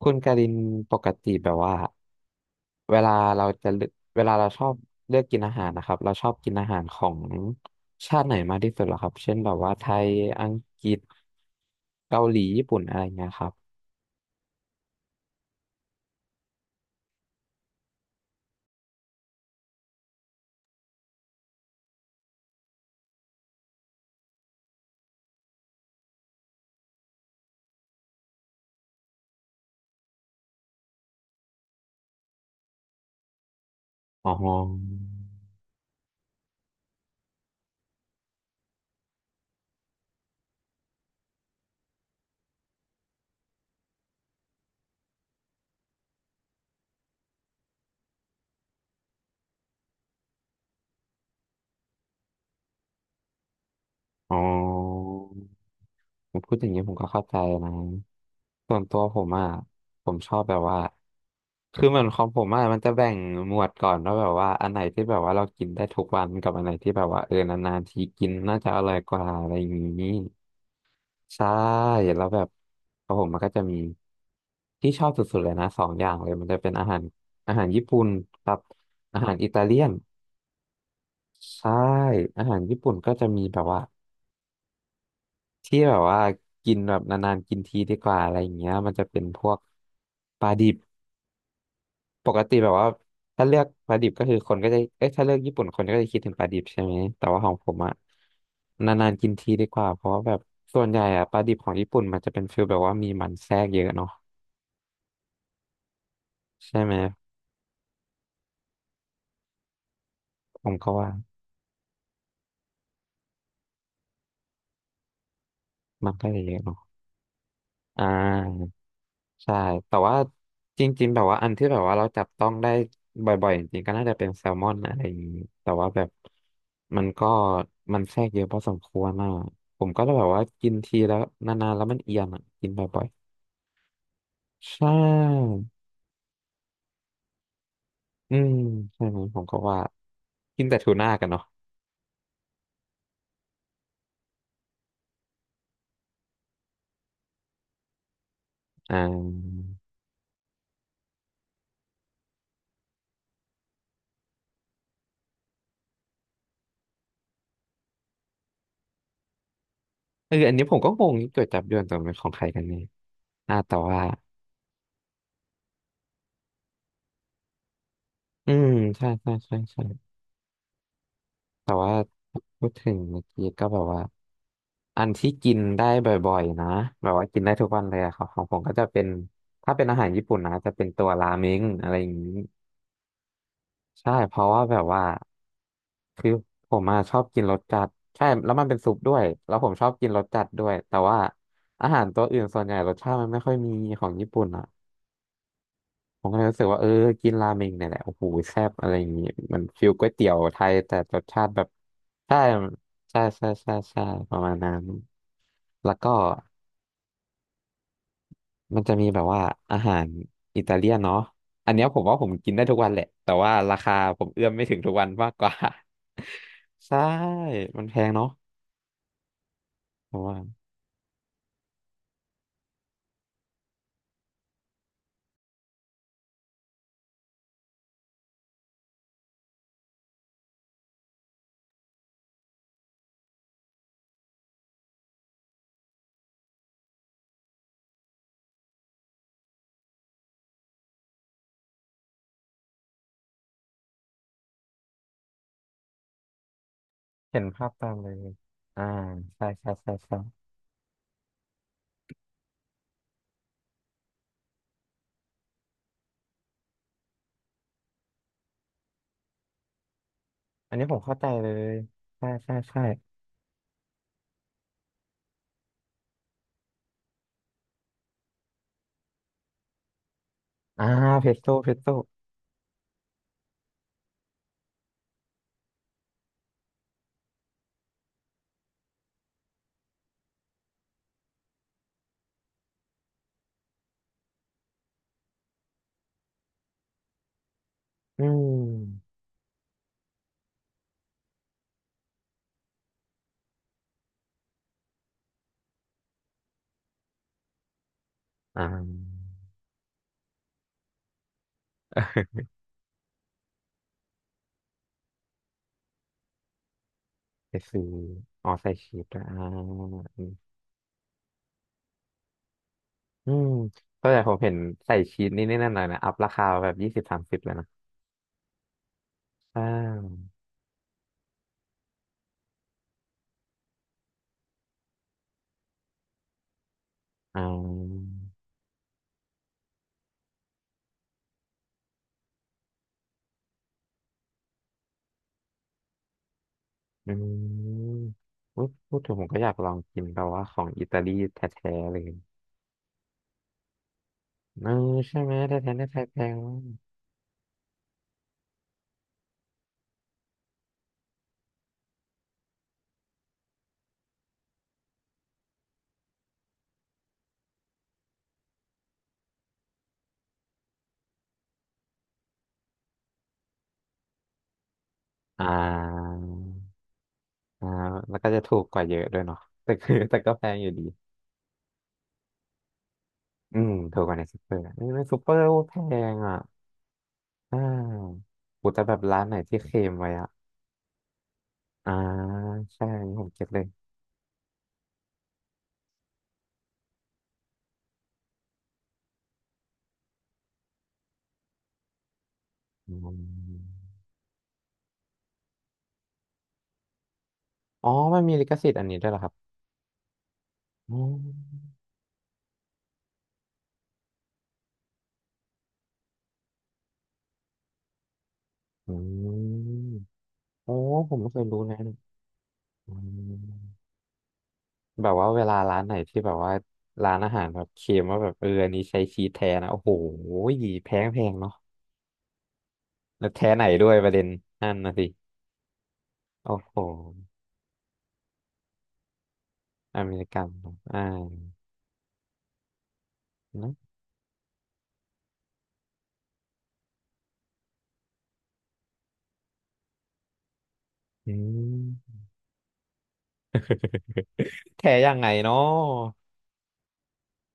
คุณการินปกติแบบว่าเวลาเราจะเลือกเวลาเราชอบเลือกกินอาหารนะครับเราชอบกินอาหารของชาติไหนมากที่สุดเหรอครับเช่นแบบว่าไทยอังกฤษเกาหลีญี่ปุ่นอะไรเงี้ยครับอ๋ออ๋อ พูดอย่างนี้ผมก็เข้าใจนะส่วนตัวผมอ่ะผมชอบแบบว่าคือเหมือนของผมอ่ะมันจะแบ่งหมวดก่อนว่าแบบว่าอันไหนที่แบบว่าเรากินได้ทุกวันกับอันไหนที่แบบว่าเออนานๆทีกินน่าจะอร่อยกว่าอะไรอย่างนี้ใช่แล้วแบบของผมมันก็จะมีที่ชอบสุดๆเลยนะสองอย่างเลยมันจะเป็นอาหารญี่ปุ่นกับอาหารอิตาเลียนใช่อาหารญี่ปุ่นก็จะมีแบบว่า ที่แบบว่ากินแบบนานๆกินทีดีกว่าอะไรอย่างเงี้ยมันจะเป็นพวกปลาดิบปกติแบบว่าถ้าเลือกปลาดิบก็คือคนก็จะเอ้ยถ้าเลือกญี่ปุ่นคนก็จะคิดถึงปลาดิบใช่ไหมแต่ว่าของผมอะนานๆกินทีดีกว่าเพราะว่าแบบส่วนใหญ่อะปลาดิบของญี่ปุ่นมันจะเป็นฟีลแบบว่ามีมันแทรกเยอะเนาะใช่ไหมผมก็ว่ามันก็จะเยอะเนาะอ่า ใช่แต่ว่าจริงๆแบบว่าอันที่แบบว่าเราจับต้องได้บ่อยๆจริงๆก็น่าจะเป็นแซลมอนอะไรอย่างนี้แต่ว่าแบบมันก็มันแทรกเยอะพอสมควรอ่ะผมก็เลยแบบว่ากินทีแล้วนานๆแล้วมันเอียนอ่ะกินบ่อยๆใช่อืมใช่ไหมผมก็ว่ากินแต่ทูน่ากันเนาะอ่าเอออันนี้ผมก็งงเกิดจับยวนตัวเป็นของใครกันเนี่ยอ่าแต่ว่าอืมใช่ใช่ใช่ใช่พูดถึงเมื่อกี้ก็แบบว่า อันที่กินได้บ่อยๆนะแบบว่ากินได้ทุกวันเลยอะครับของผมก็จะเป็นถ้าเป็นอาหารญี่ปุ่นนะจะเป็นตัวราเมงอะไรอย่างนี้ใช่เพราะว่าแบบว่าคือผมอะชอบกินรสจัดใช่แล้วมันเป็นซุปด้วยแล้วผมชอบกินรสจัดด้วยแต่ว่าอาหารตัวอื่นส่วนใหญ่รสชาติมันไม่ค่อยมีของญี่ปุ่นอะผมก็เลยรู้สึกว่าเออกินราเมงเนี่ยแหละโอ้โหแซ่บอะไรอย่างนี้มันฟิลก๋วยเตี๋ยวไทยแต่รสชาติแบบใช่ใช่ใช่ใช่ใช่ประมาณนั้นแล้วก็ มันจะมีแบบว่าอาหารอิตาเลียนเนาะอันเนี้ยผมว่าผมกินได้ทุกวันแหละ แต่ว่าราคาผมเอื้อมไม่ถึงทุกวันมากกว่า ใช่ มันแพงเนาะผมว่าเห็นภาพตามเลยอ่าใช่ใช่ใช่ใช่อันนี้ผมเข้าใจเลยใช่ใช่ใช่อ่าเพสโต้เพสโต้อืมอ่า ไปซื้ออ๋อใส่ชีสด้วยอ่าอืมอืมก็แต่ผมเห็นใส่ชีสนี่นี่นั่นหน่อยนะ อัพราคาแบบยี่สิบสามสิบเลยนะอ่า อ่าอืมอุ๊ยพูดถึงผมก็อยากลองกินแบบว่าของอิตาลีแท้ๆเลยเออใช่ไหมแท้ๆแท้ๆแพงมากอ่าอ่าแล้วก็จะถูกกว่าเยอะด้วยเนาะแต่คือแต่ก็แพงอยู่ดีอืมถูกกว่าในซูเปอร์นี่ในซูเปอร์โอ้แพงอ่ะอ่ากูจะแบบร้านไหนที่เคลมไว้อ่ะอ่าใช่อันนี้ผมเก็บเลยอมอ๋อมันมีลิขสิทธิ์อันนี้ด้วยเหรอครับอืออืมโอ้ผมไม่เคยรู้นะ อืมแบบว่าเวลาร้านไหนที่แบบว่าร้านอาหารแบบเค็มว่าแบบเอออันนี้ใช้ชีสแท้นะโอ้โหแพงแพงเนาะแล้วแท้ไหนด้วยประเด็นนั่นนะสิโอ้โหอเมริกันเนอะอ่าเนอะอืมแท้ยังไงเนาะ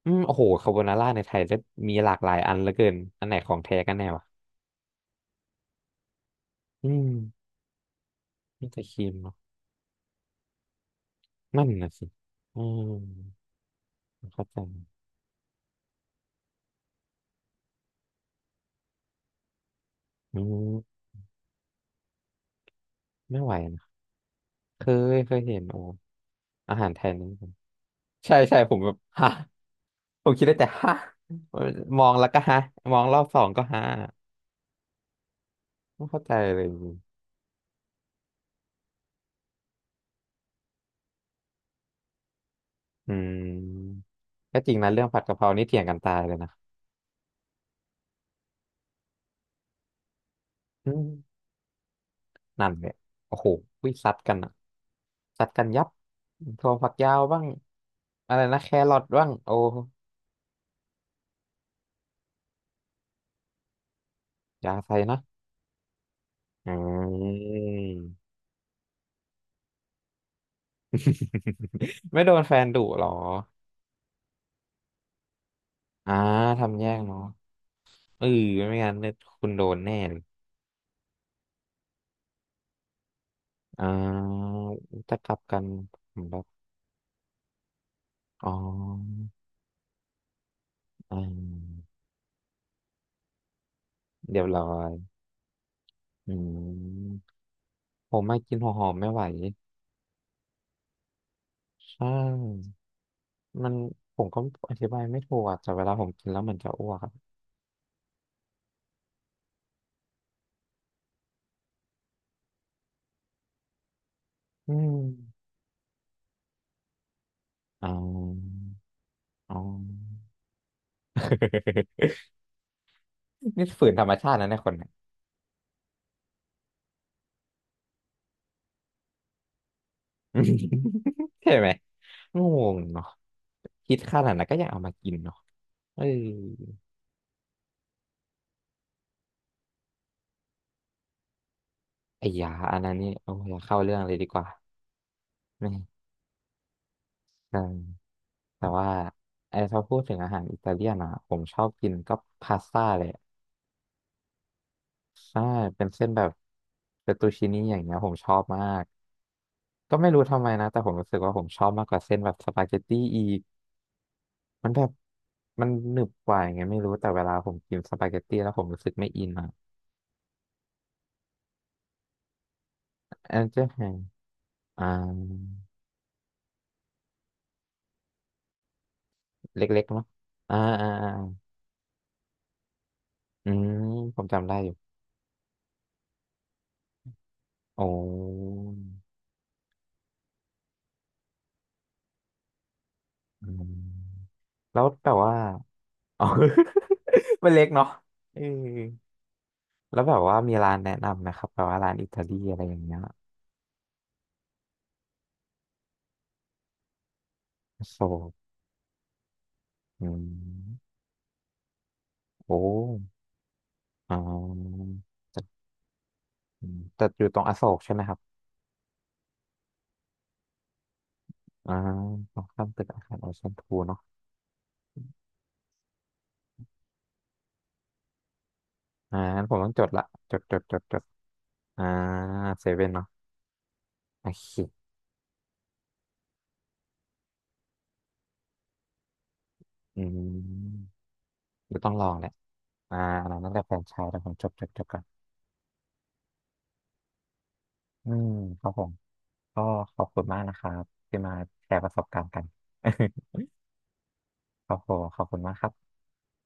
อืมโอ้โหคาโบนาร่าในไทยจะมีหลากหลายอันเหลือเกินอันไหนของแท้กันแน่วะอืมมีแต่ครีมเนาะนั่นนะสิอืมเข้าใจอืมไม่ไหวนะเคยเคยเห็นโอ้อาหารไทยนี่ ใช่ใช่ผมแบบฮะผมคิดได้แต่ฮะมองแล้วก็ฮะมองรอบสองก็ฮะไม่เข้าใจเลยอืมก็จริงนะเรื่องผัดกะเพรานี่เถียงกันตายเลยนะอืมนั่นเนี่ยโอ้โหวิซัดกันอะซัดกันยับถั่วฝักยาวบ้างอะไรนะแครอทบ้างโอ้อยาใส่นะอืมไม่โดนแฟนดุหรออ่าทำแยกเนาะเออไม่งั้นเนี่ยคุณโดนแน่เลยอ่าจะกลับกัน อ๋ออ่าเดี๋ยวร้อยอืมผมไม่กินหัวหอมไม่ไหวใช่มันผมก็อธิบายไม่ถูกอะแต่เวลาผมกินแล้วเหมือนจะอ้วกอะอืมอ๋ออ๋อ นี่ฝืนธรรมชาตินะเนี่ยคนเนี่ย ใช่ไหมงงเนาะคิดขนาดนั้นก็ยังเอามากินเนาะเออไอ้ยาอันนั้นนี่โอ้ยอย่าเข้าเรื่องเลยดีกว่าไม่ใช่ แต่ว่าไอ้ถ้าพูดถึงอาหารอิตาเลียนอ่ะผมชอบกินก็พาสต้าเลยใช่เป็นเส้นแบบเฟตตูชินี่อย่างเงี้ยผมชอบมากก็ไม่รู้ทำไมนะแต่ผมรู้สึกว่าผมชอบมากกว่าเส้นแบบสปาเกตตี้อีกมันแบบมันหนึบกว่าอย่างเงี้ยไม่รู้แต่เวลาผมกินสปาเกตตี้แล้วผมรู้สึกไม่อินอ่ะแอนเจอร์แฮมอ่าเล็กๆเนาะอ่าอ่าอ่าอืมผมจำได้อยู่โอ้อืมแล้วแต่ว่า อ๋อ มันเล็กเนาะเออแล้วแบบว่ามีร้านแนะนำไหมครับแบบว่าร้านอิตาลีอะไรอย่างเงี้ยโซอืมโอ้อ๋อแต่แต่อยู่ตรงอโศกใช่ไหมครับอ่าตรงข้ามตึกอาคารโอเชียนทูเนาะอ่างั้นผมต้องจดละจดจดจดจดอ่าเซเว่นเนาะโอเคอืมเดี๋ยวต้องลองแหละอ่าอันนั้นตั้งแต่แฟรนไชส์แล้วผมจดจดจดกันอืมครับผมก็ขอบคุณมากนะครับที่มาแชร์ประสบการณ์กัน ครับผมขอบคุณมากครับ